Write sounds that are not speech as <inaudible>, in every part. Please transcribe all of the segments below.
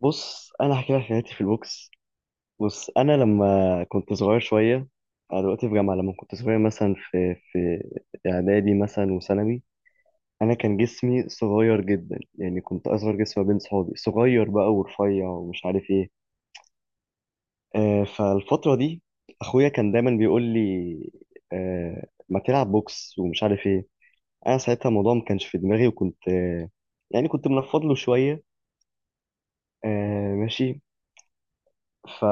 بص، انا هحكي لك حياتي في البوكس. بص انا لما كنت صغير شويه، انا دلوقتي في جامعه. لما كنت صغير مثلا في اعدادي مثلا وثانوي، انا كان جسمي صغير جدا. يعني كنت اصغر جسم ما بين صحابي، صغير بقى ورفيع ومش عارف ايه. فالفتره دي اخويا كان دايما بيقول لي، ما تلعب بوكس ومش عارف ايه. انا ساعتها الموضوع ما كانش في دماغي، وكنت يعني كنت منفض له شويه، آه ماشي. ف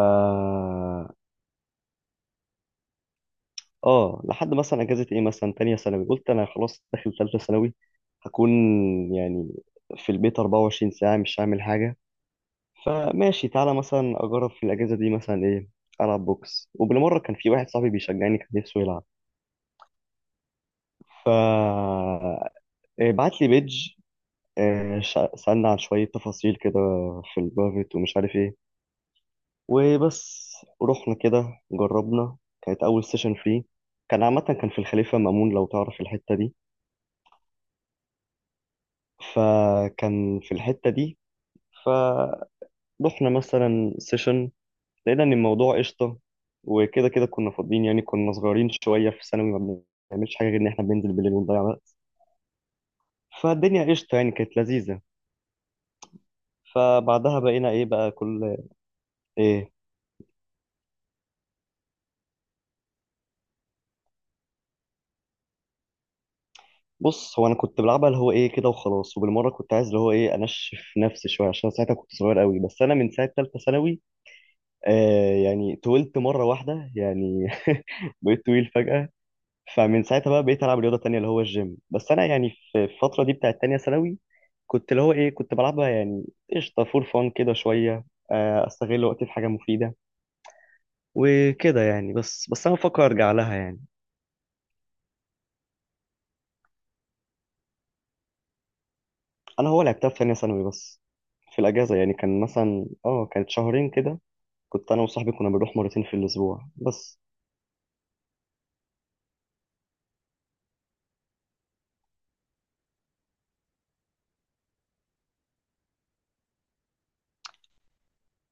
اه لحد مثلا اجازه ايه، مثلا تانية ثانوي، قلت انا خلاص داخل تالتة ثانوي، هكون يعني في البيت 24 ساعه مش هعمل حاجه. فماشي، تعالى مثلا اجرب في الاجازه دي مثلا ايه، العب بوكس. وبالمره كان في واحد صاحبي بيشجعني، كان نفسه يلعب. ف إيه، بعت لي بيج، إيه، سالنا عن شويه تفاصيل كده في البرايفت ومش عارف ايه، وبس. رحنا كده جربنا، كانت اول سيشن فري، كان عامه كان في الخليفه مامون، لو تعرف الحته دي. فكان في الحتة دي، فروحنا مثلا سيشن، لقينا ان الموضوع قشطة. وكده كده كنا فاضيين، يعني كنا صغيرين شوية في ثانوي، ما بنعملش حاجة غير ان احنا بننزل بالليل ونضيع وقت. فالدنيا قشطة، يعني كانت لذيذة. فبعدها بقينا ايه بقى كل ايه. بص، هو انا كنت بلعبها اللي هو ايه كده وخلاص، وبالمره كنت عايز اللي هو ايه انشف نفسي شويه عشان ساعتها كنت صغير قوي. بس انا من ساعه ثالثه ثانوي، يعني طولت مره واحده يعني <laughs> بقيت طويل فجاه. فمن ساعتها بقى بقيت العب رياضه تانية اللي هو الجيم. بس انا يعني في الفتره دي بتاعت تانية ثانوي، كنت اللي هو ايه كنت بلعبها يعني قشطه فور فان كده شويه، آه، استغل وقتي في حاجه مفيده وكده يعني. بس انا بفكر ارجع لها يعني. انا هو لعبتها في تانية ثانوي بس، في الاجازه، يعني كان مثلا اه كانت شهرين كده. كنت انا وصاحبي كنا بنروح مرتين في الاسبوع بس.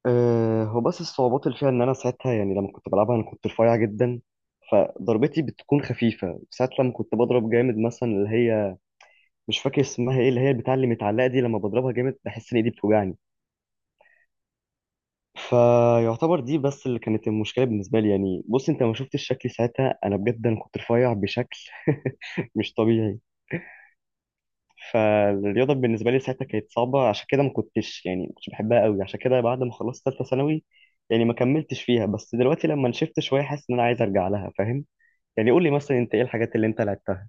آه، هو بس الصعوبات اللي فيها ان انا ساعتها يعني لما كنت بلعبها انا كنت رفيع جدا، فضربتي بتكون خفيفه. ساعات لما كنت بضرب جامد مثلا اللي هي، مش فاكر اسمها ايه، اللي هي بتاع اللي متعلقه دي، لما بضربها جامد بحس ان ايدي بتوجعني. فيعتبر دي بس اللي كانت المشكله بالنسبه لي يعني. بص، انت ما شفتش شكلي ساعتها، انا بجد انا كنت رفيع بشكل <laughs> مش طبيعي. فالرياضه بالنسبه لي ساعتها كانت صعبه، عشان كده ما كنتش يعني ما كنتش بحبها قوي. عشان كده بعد ما خلصت ثالثه ثانوي يعني ما كملتش فيها. بس دلوقتي لما نشفت شويه حاسس ان انا عايز ارجع لها، فاهم يعني. قول لي مثلا انت ايه الحاجات اللي انت لعبتها.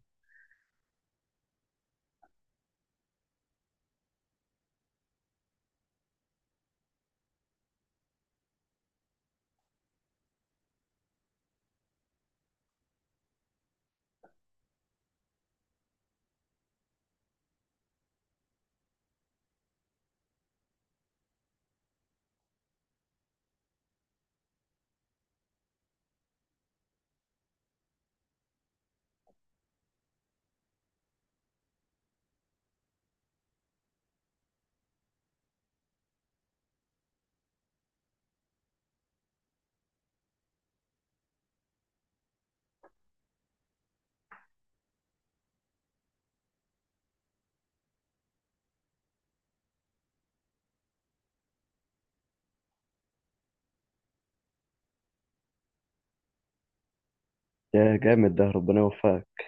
يا جامد، ده ربنا يوفقك.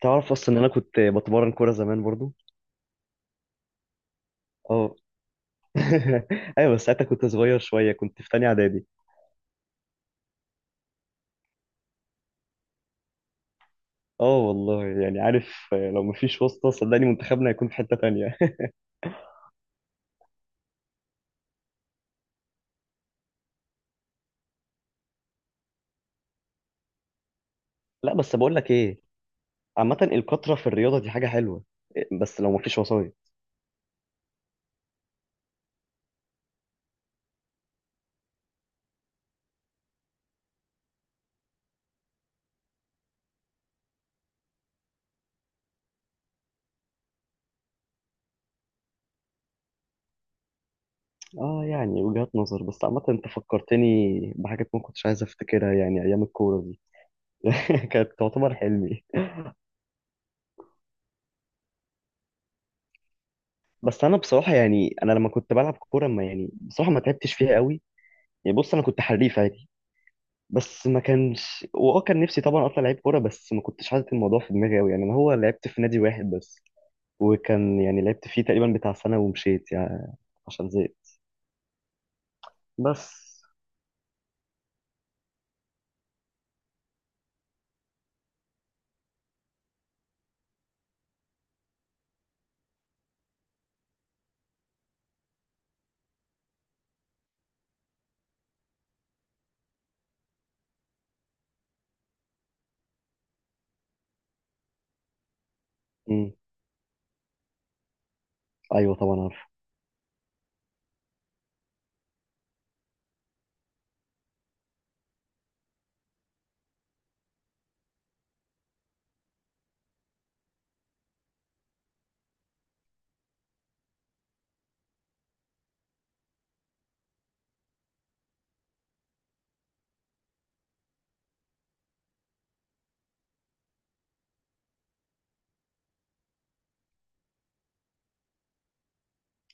تعرف اصلا ان انا كنت بتمرن كوره زمان برضو؟ <laughs> ايوه، بس ساعتها كنت صغير شويه، كنت في تانية اعدادي. اه والله، يعني عارف، آه، لو مفيش واسطه صدقني منتخبنا هيكون في حته تانية. <laughs> لا، بس بقول لك ايه، عامه الكتره في الرياضه دي حاجه حلوه، بس لو مفيش وسايط. اه، يعني وجهات نظر. بس عامه انت فكرتني بحاجات ما كنتش عايز افتكرها، يعني ايام الكوره دي <laughs> كانت تعتبر حلمي. بس انا بصراحه، يعني انا لما كنت بلعب كوره ما يعني بصراحه ما تعبتش فيها قوي. يعني بص، انا كنت حريف عادي بس ما كانش، واه كان نفسي طبعا اطلع لعيب كوره، بس ما كنتش حاطط الموضوع في دماغي قوي يعني. انا هو لعبت في نادي واحد بس، وكان يعني لعبت فيه تقريبا بتاع سنه ومشيت يعني، عشان زهقت. بس. امم. ايوه طبعا عارف.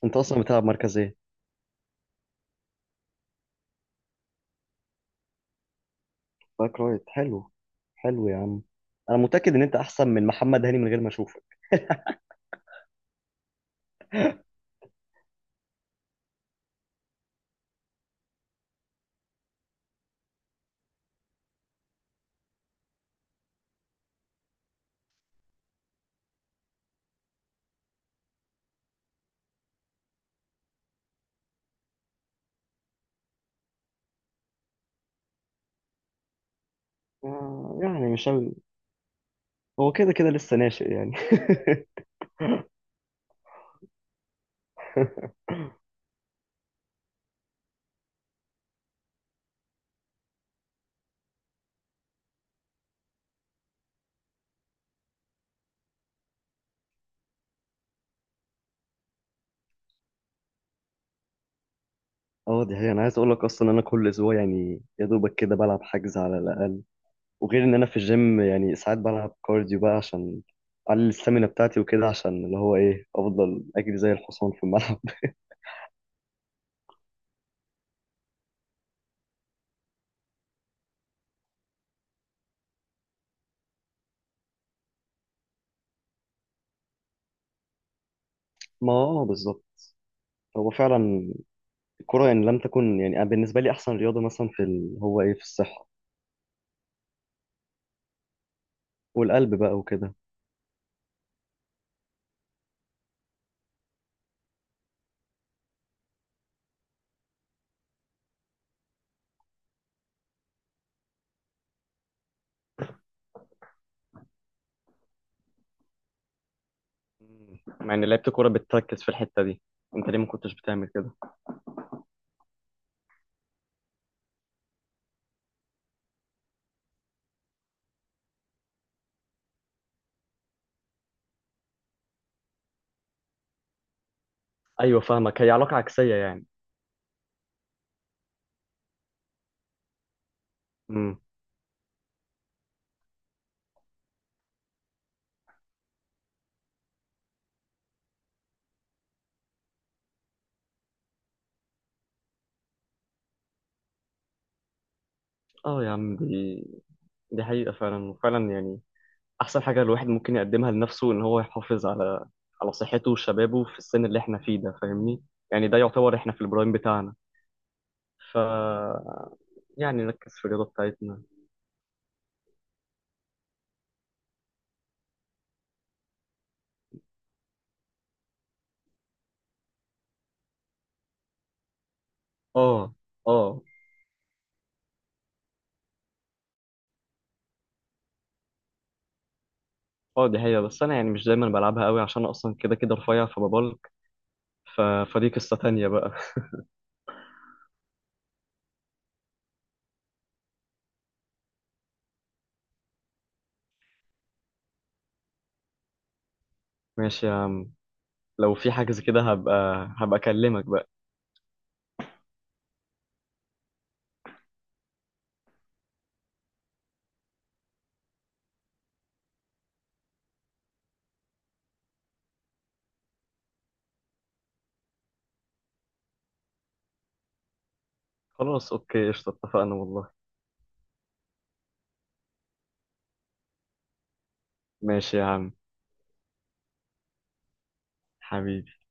انت اصلا بتلعب مركز ايه؟ باك رايت، حلو. حلو يا عم، انا متاكد ان انت احسن من محمد هاني من غير ما اشوفك. <laughs> آه، يعني مش قوي، هو كده كده لسه ناشئ يعني <laughs> اه، دي حقيقة. انا عايز اقول لك اصلا، انا كل اسبوع يعني يا دوبك كده بلعب حجز على الاقل. وغير ان انا في الجيم، يعني ساعات بلعب كارديو بقى عشان اقلل السtamina بتاعتي وكده، عشان اللي هو ايه افضل اجري زي الحصان في الملعب <laughs> ما اه بالظبط، هو فعلا الكرة يعني لم تكن، يعني أنا بالنسبة لي احسن رياضة مثلا في ال... هو ايه في الصحة والقلب بقى وكده. مع ان لعيبه الكوره بتركز في الحته دي، انت ليه ما كنتش بتعمل كده؟ ايوه فاهمك، هي علاقه عكسيه يعني. امم. اه يا عم، دي حقيقه فعلا، وفعلا يعني احسن حاجه الواحد ممكن يقدمها لنفسه ان هو يحافظ على على صحته وشبابه في السن اللي احنا فيه ده، فاهمني؟ يعني ده يعتبر احنا في البرايم بتاعنا. ف يعني نركز في الرياضه بتاعتنا. اه، اه، اه، دي هي. بس انا يعني مش دايما بلعبها قوي عشان أنا اصلا كده كده رفيع فببلك. ف... فدي قصه تانية بقى. <laughs> ماشي يا عم، لو في حاجه زي كده هبقى اكلمك بقى. خلاص، اوكي، قشطه اتفقنا والله. ماشي يا عم، حبيبي.